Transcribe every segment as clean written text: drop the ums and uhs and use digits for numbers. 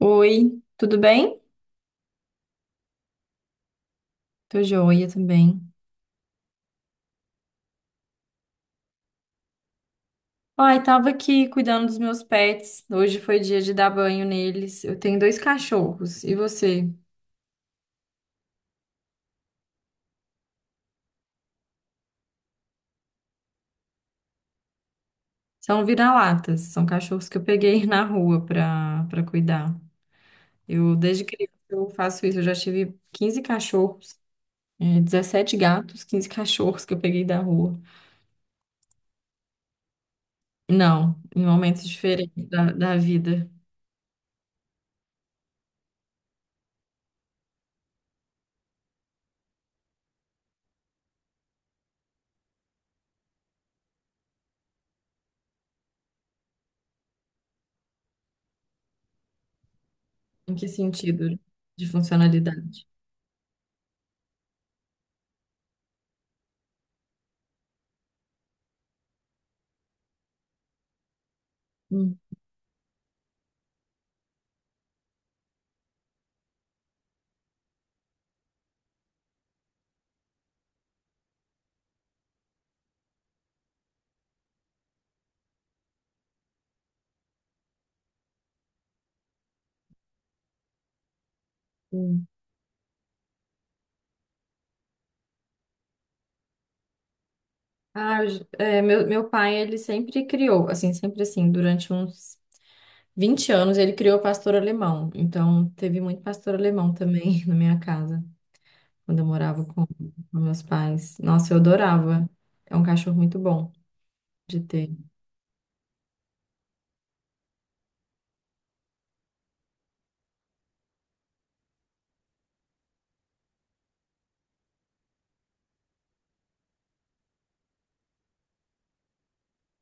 Oi, tudo bem? Tô joia também. Ai, tava aqui cuidando dos meus pets. Hoje foi dia de dar banho neles. Eu tenho dois cachorros. E você? São vira-latas. São cachorros que eu peguei na rua pra cuidar. Eu, desde criança, eu faço isso. Eu já tive 15 cachorros, 17 gatos, 15 cachorros que eu peguei da rua. Não, em momentos diferentes da vida. Em que sentido de funcionalidade? Hum. Hum. Ah, eu j- é, meu pai, ele sempre criou, assim, sempre assim, durante uns 20 anos, ele criou pastor alemão. Então, teve muito pastor alemão também na minha casa, quando eu morava com meus pais. Nossa, eu adorava. É um cachorro muito bom de ter.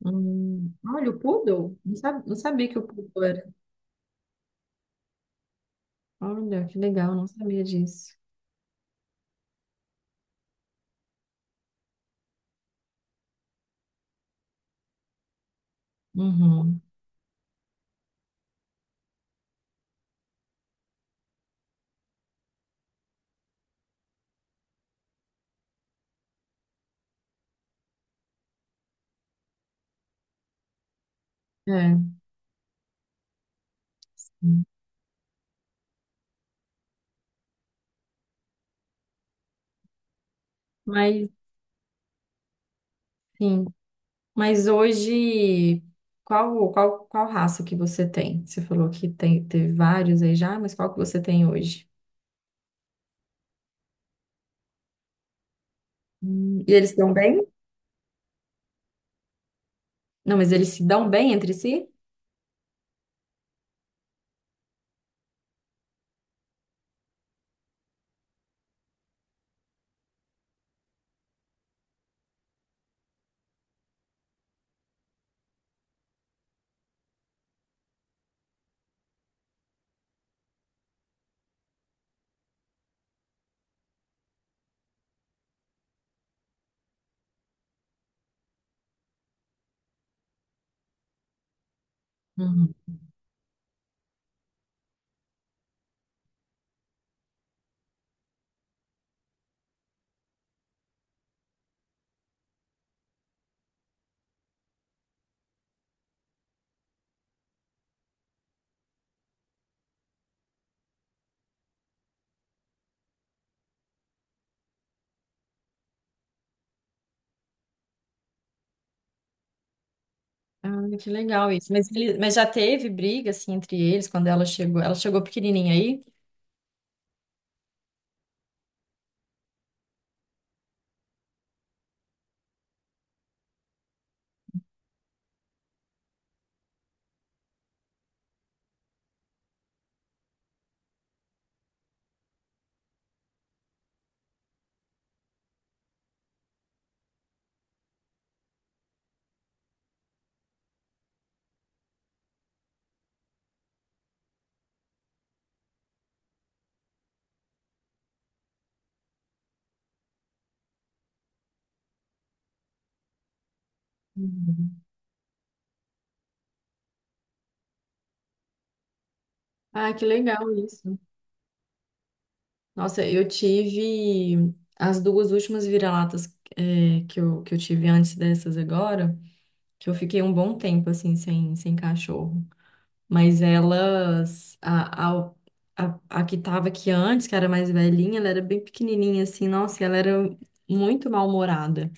Olha, o poodle? Não sabia, não sabia que o poodle era. Olha, que legal, não sabia disso. Uhum, é. Mas, sim. Mas hoje, qual raça que você tem? Você falou que tem, teve vários aí já, mas qual que você tem hoje? E eles se dão bem? Não, mas eles se dão bem entre si? Uhum. Ah, que legal isso. Mas, mas já teve briga, assim, entre eles quando ela chegou? Ela chegou pequenininha aí? Uhum. Ah, que legal isso. Nossa, eu tive as duas últimas vira-latas, que que eu tive antes dessas agora, que eu fiquei um bom tempo, assim, sem cachorro. Mas elas, a que tava aqui antes, que era mais velhinha, ela era bem pequenininha, assim, nossa, e ela era muito mal-humorada.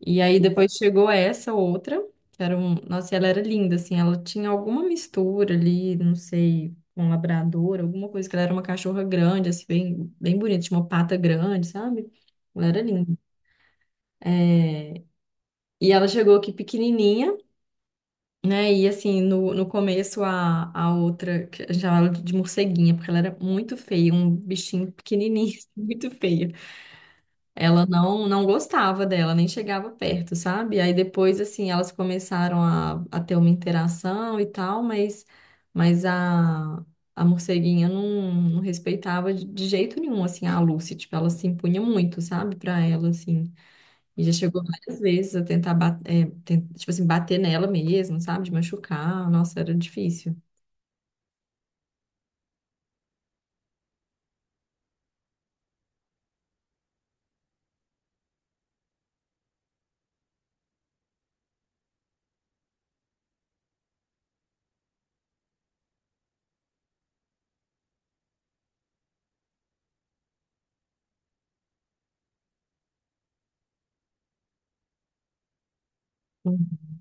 E aí depois chegou essa outra, que era um, nossa, e ela era linda, assim, ela tinha alguma mistura ali, não sei, com labrador, alguma coisa, que ela era uma cachorra grande, assim, bem bonita, tinha uma pata grande, sabe? Ela era linda. E ela chegou aqui pequenininha, né? E assim, no começo a outra, que a gente chamava ela de morceguinha, porque ela era muito feia, um bichinho pequenininho, muito feia. Ela não gostava dela, nem chegava perto, sabe? Aí depois, assim, elas começaram a ter uma interação e tal, mas a morceguinha não respeitava de jeito nenhum, assim, a Lucy, tipo, ela se impunha muito, sabe? Pra ela, assim. E já chegou várias vezes a tentar, tipo assim, bater nela mesmo, sabe? De machucar. Nossa, era difícil.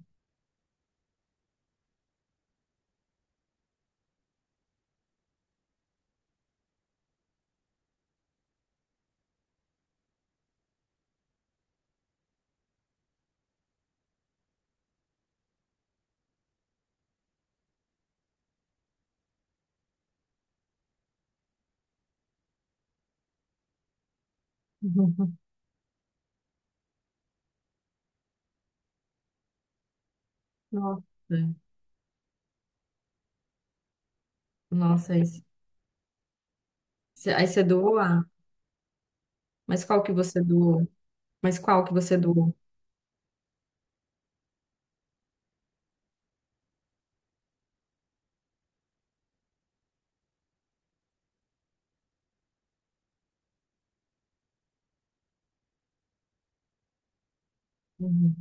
Uhum. Nossa. Nossa, aí você doou a... Mas qual que você doou? Mas qual que você doou? Uhum.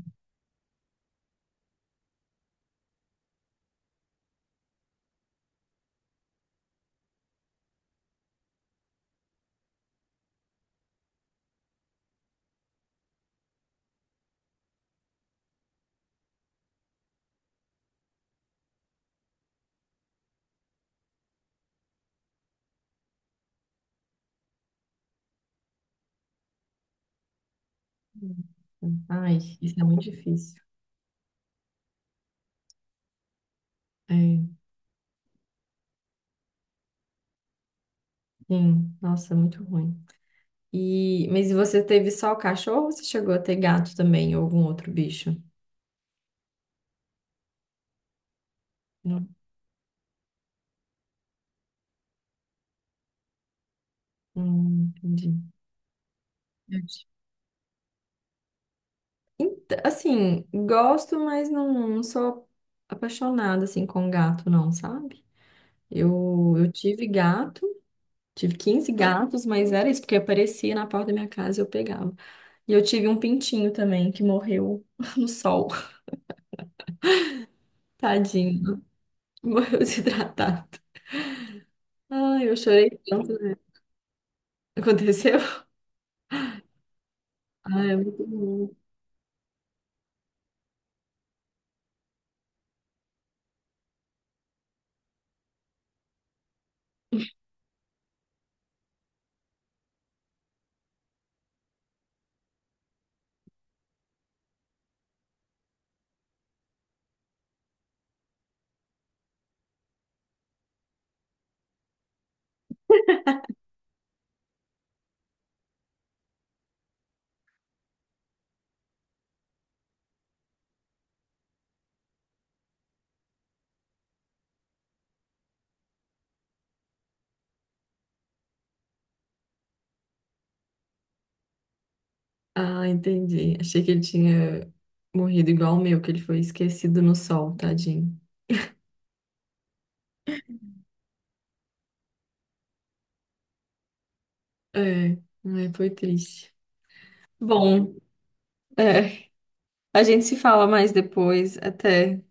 Ai, isso é muito difícil. É, sim, nossa, muito ruim. E, mas e você teve só o cachorro ou você chegou a ter gato também, ou algum outro bicho? Não, não entendi. Assim, gosto, mas não, não sou apaixonada assim com gato, não, sabe? Eu tive gato, tive 15 gatos, mas era isso, porque aparecia na porta da minha casa e eu pegava. E eu tive um pintinho também que morreu no sol, tadinho, morreu desidratado. Ai, eu chorei tanto, né? Aconteceu? Ai, é muito bom. Ah, entendi. Achei que ele tinha morrido igual o meu, que ele foi esquecido no sol, tadinho. É, ai, foi triste. Bom, é, a gente se fala mais depois, até.